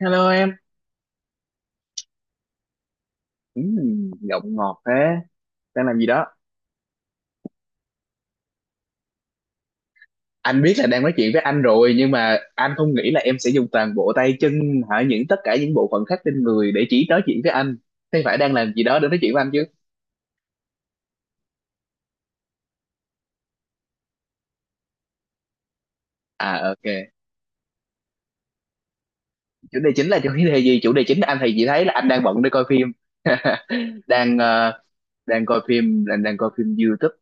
Hello em, ừ, giọng ngọt thế, đang làm gì đó? Anh biết là đang nói chuyện với anh rồi nhưng mà anh không nghĩ là em sẽ dùng toàn bộ tay chân hả những tất cả những bộ phận khác trên người để chỉ nói chuyện với anh. Thế phải đang làm gì đó để nói chuyện với anh chứ? À ok, chủ đề chính là chủ đề gì? Chủ đề chính là anh thì chỉ thấy là anh đang bận để coi phim. đang ờ, đang coi phim, đang đang coi phim YouTube.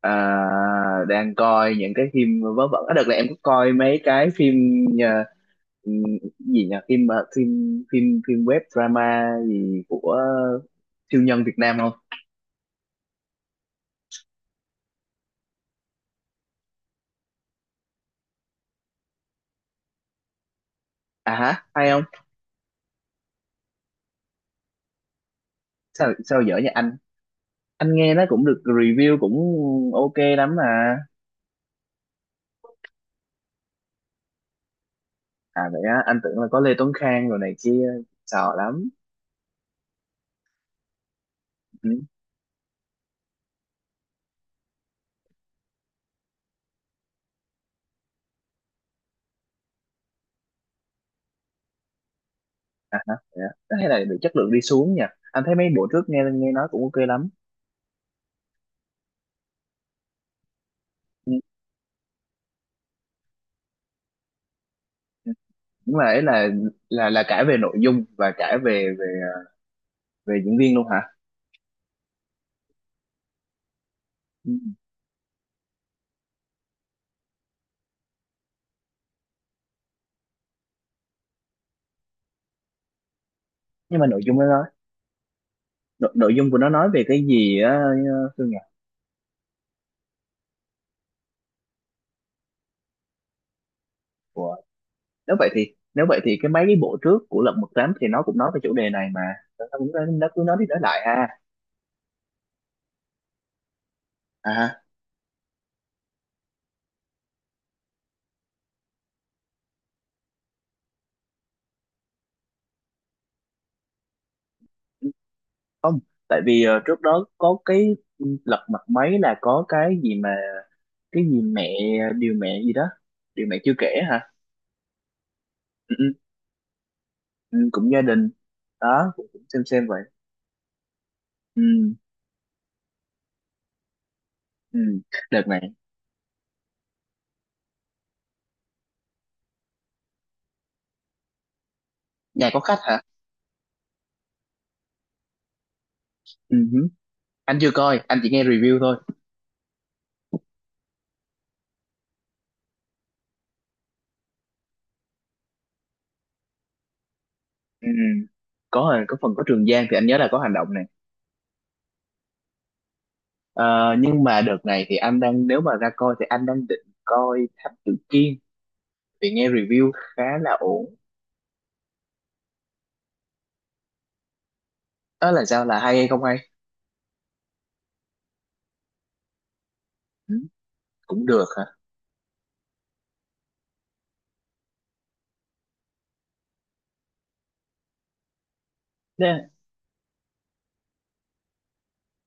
ờ, Đang coi những cái phim vớ vẩn. Ở đợt này em có coi mấy cái phim ờ, ừ, gì nhỉ, phim phim web drama gì của siêu nhân Việt Nam không? À hả, hay không? Sao sao dở nhà anh? Anh nghe nó cũng được review cũng ok lắm mà. À vậy á, anh tưởng là có Lê Tuấn Khang rồi này kia, sợ lắm. Ừ. À hả vậy á. Thế hay là bị chất lượng đi xuống nhỉ? Anh thấy mấy bộ trước nghe nghe nói cũng ok lắm. Ừ. Ừ. Nhưng mà ấy là cả về nội dung và cả về về về diễn viên luôn hả? Ừ. Nhưng mà nội dung đó, nội dung của nó nói về cái gì á? Thương nhỉ. Của. Nếu vậy thì cái mấy cái bộ trước của Lật Mặt Tám thì nó cũng nói về chủ đề này mà. Nó cũng nó cứ nói đi nói lại ha. À. Tại vì trước đó có cái Lật Mặt mấy là có cái gì mà, cái gì mẹ, điều mẹ gì đó, điều mẹ chưa kể hả? Ừ, ừ, ừ, cũng gia đình. Đó cũng xem vậy. Ừ, ừ. Đợt này. Nhà có khách hả? Ừ hứ. Anh chưa coi, anh chỉ nghe review thôi. Ừ. Ừ. có phần có Trường Giang thì anh nhớ là có hành động này. Ờ, nhưng mà đợt này thì anh đang, nếu mà ra coi thì anh đang định coi Thám Tử Kiên vì nghe review khá là ổn. Đó là sao, là hay hay không hay? Ừ, cũng được hả? Nè.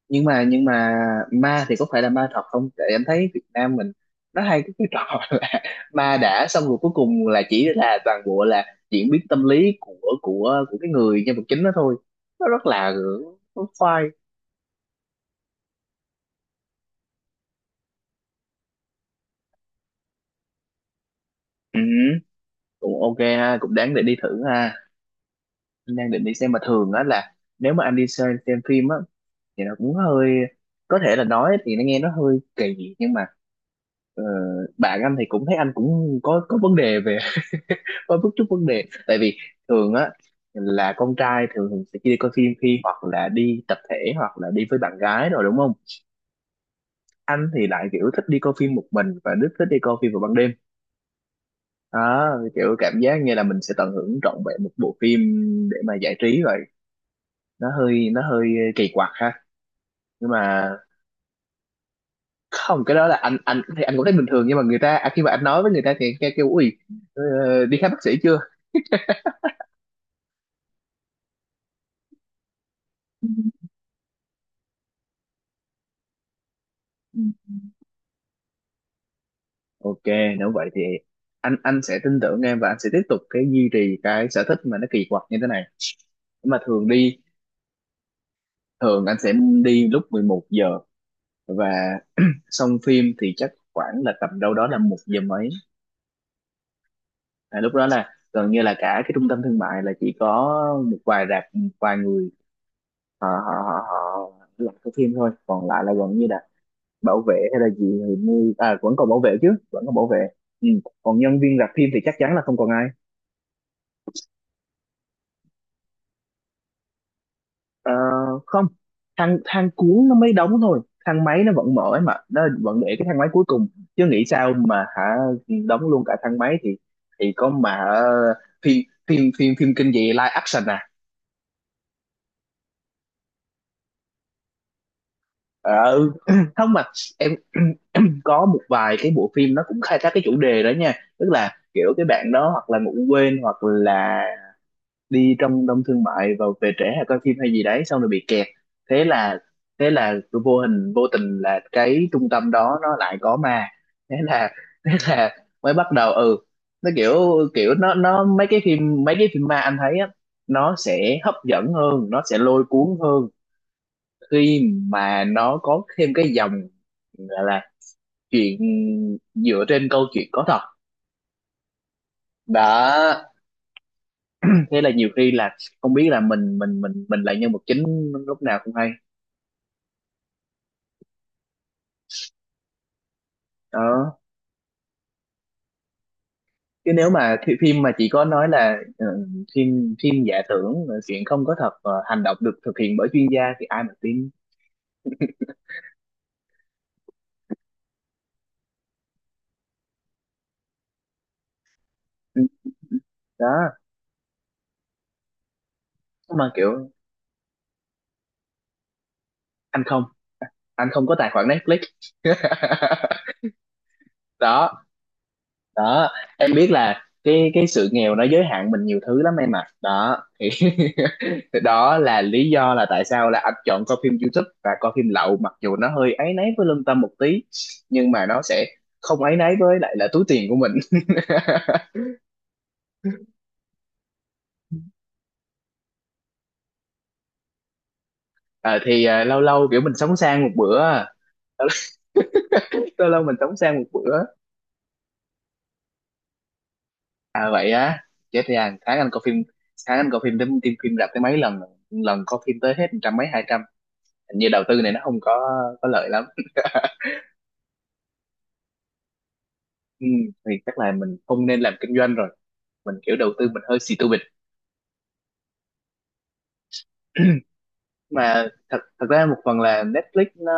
Nhưng mà ma thì có phải là ma thật không? Tại em thấy Việt Nam mình nó hay cái trò là ma đã xong rồi, cuối cùng là chỉ là toàn bộ là diễn biến tâm lý của cái người nhân vật chính đó thôi. Nó rất là Nó khoai. Ừ, cũng ok ha, cũng đáng để đi thử ha. Anh đang định đi xem, mà thường á là nếu mà anh đi xem phim á thì nó cũng hơi, có thể là nói thì nó nghe nó hơi kỳ nhưng mà ờ, bạn anh thì cũng thấy anh cũng có vấn đề về. Có chút chút vấn đề, tại vì thường á là con trai thường thường sẽ đi coi phim khi hoặc là đi tập thể hoặc là đi với bạn gái rồi, đúng không? Anh thì lại kiểu thích đi coi phim một mình và rất thích đi coi phim vào ban đêm. Đó, kiểu cảm giác như là mình sẽ tận hưởng trọn vẹn một bộ phim để mà giải trí vậy. Nó hơi kỳ quặc ha. Nhưng mà không, cái đó là anh thì anh cũng thấy bình thường, nhưng mà người ta khi mà anh nói với người ta thì người ta kêu ui, ờ, đi khám bác sĩ chưa? Ok. Nếu vậy thì anh sẽ tin tưởng em và anh sẽ tiếp tục cái duy trì cái sở thích mà nó kỳ quặc như thế này. Nhưng mà thường anh sẽ đi lúc 11 giờ, và xong phim thì chắc khoảng là tầm đâu đó là 1 giờ mấy. À, lúc đó là gần như là cả cái trung tâm thương mại là chỉ có một vài rạp, một vài người họ làm cái phim thôi, còn lại là gần như là bảo vệ hay là gì thì mua, à vẫn còn bảo vệ chứ, vẫn còn bảo vệ. Ừ. Còn nhân viên rạp phim thì chắc chắn là không còn ai. Ờ, không, thang thang cuốn nó mới đóng thôi, thang máy nó vẫn mở ấy mà, nó vẫn để cái thang máy cuối cùng, chứ nghĩ sao mà hả, đóng luôn cả thang máy thì có mà phim phim phim phim kinh dị live action à? Ờ ừ. Không mà em có một vài cái bộ phim nó cũng khai thác cái chủ đề đó nha. Tức là kiểu cái bạn đó hoặc là ngủ quên hoặc là đi trong đông thương mại và về trễ hay coi phim hay gì đấy, xong rồi bị kẹt. Thế là thế là vô tình là cái trung tâm đó nó lại có ma. Thế là thế là mới bắt đầu, ừ. Nó kiểu, kiểu nó mấy cái phim ma anh thấy á, nó sẽ hấp dẫn hơn, nó sẽ lôi cuốn hơn khi mà nó có thêm cái dòng gọi là chuyện dựa trên câu chuyện có thật. Đó, thế là nhiều khi là không biết là mình là nhân vật chính lúc nào cũng hay. Ờ, Chứ nếu mà phim mà chỉ có nói là phim phim giả tưởng, chuyện không có thật, hành động được thực hiện bởi chuyên gia thì ai mà tin. Ừ, đó. Mà kiểu anh không anh không có tài khoản Netflix. Đó, đó. Em biết là cái sự nghèo nó giới hạn mình nhiều thứ lắm em ạ, đó thì thì đó là lý do là tại sao là anh chọn coi phim YouTube và coi phim lậu, mặc dù nó hơi áy náy với lương tâm một tí, nhưng mà nó sẽ không áy náy với lại là túi tiền của mình. Ờ, thì lâu lâu kiểu mình sống sang một bữa à. Lâu lâu mình sống sang một bữa. À vậy á, chết, thì hàng tháng anh coi phim, tháng anh coi phim đến phim phim rạp tới mấy lần rồi? Lần coi phim tới hết trăm mấy, 200, hình như đầu tư này nó không có lợi lắm. Ừ, thì chắc là mình không nên làm kinh doanh rồi, mình kiểu đầu tư mình hơi xì bịch. Mà thật thật ra một phần là Netflix nó,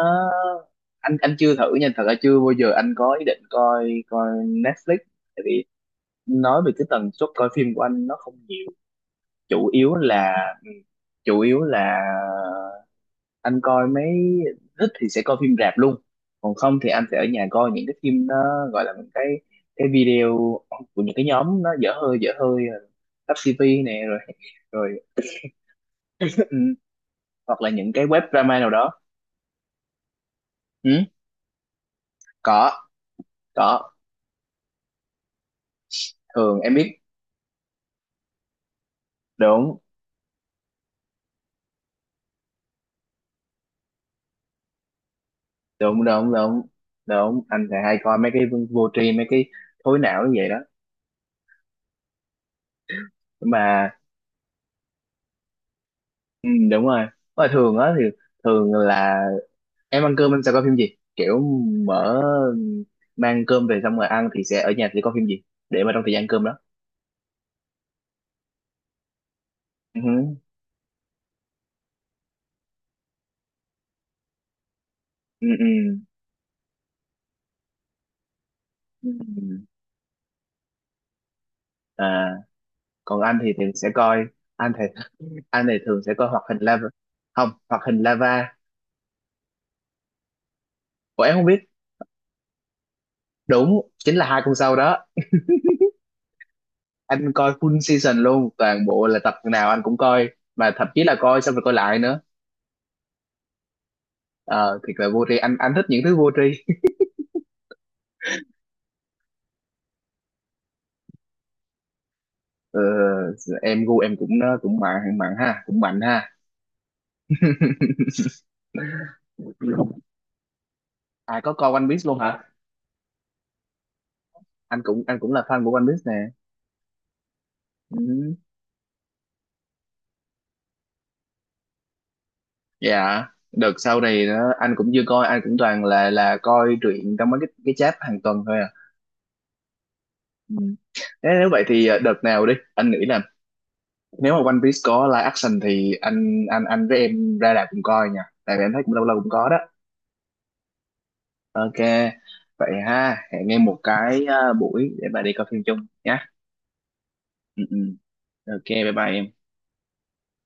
anh chưa thử nha, thật ra chưa bao giờ anh có ý định coi coi Netflix, tại vì nói về cái tần suất coi phim của anh nó không nhiều. Chủ yếu là chủ yếu là anh coi mấy, thích thì sẽ coi phim rạp luôn, còn không thì anh sẽ ở nhà coi những cái phim nó gọi là những cái video của những cái nhóm nó dở hơi dở hơi, Tắp TV nè, rồi rồi. Ừ, hoặc là những cái web drama nào đó. Ừ, có, có. Thường em biết. Đúng, đúng, đúng, đúng, đúng, anh sẽ hay coi mấy cái vô tri, mấy cái thối não như vậy đó. Mà ừ, đúng rồi, mà thường á thì thường là em ăn cơm em sẽ coi phim gì, kiểu mở mang cơm về xong rồi ăn thì sẽ ở nhà thì coi phim gì, để mà trong thời gian cơm đó. Ừ, ừ, ừ. Ừ. À, còn anh thì thường sẽ coi anh thì anh thì thường sẽ coi hoạt hình lava. Không, hoạt hình lava của em không biết. Đúng, chính là hai con sau đó. Anh coi full season luôn, toàn bộ là tập nào anh cũng coi, mà thậm chí là coi xong rồi coi lại nữa. Ờ, thiệt là vô tri, anh thích những thứ vô tri. Ờ, em gu em cũng cũng mạnh mạnh ha, cũng mạnh ha. À, có coi One Piece luôn hả? Anh cũng là fan của One Piece nè. Ừ. Dạ, đợt sau này đó, anh cũng chưa coi, anh cũng toàn là coi truyện trong mấy cái chat hàng tuần thôi à. Ừ. Thế nếu vậy thì đợt nào đi anh nghĩ là, nếu mà One Piece có live action thì anh với em ra rạp cùng coi nha, tại vì em thấy cũng lâu lâu cũng có đó. Ok vậy ha, hẹn em một cái buổi để bà đi coi phim chung nhé. Ừ, ừ. Ok, bye bye em.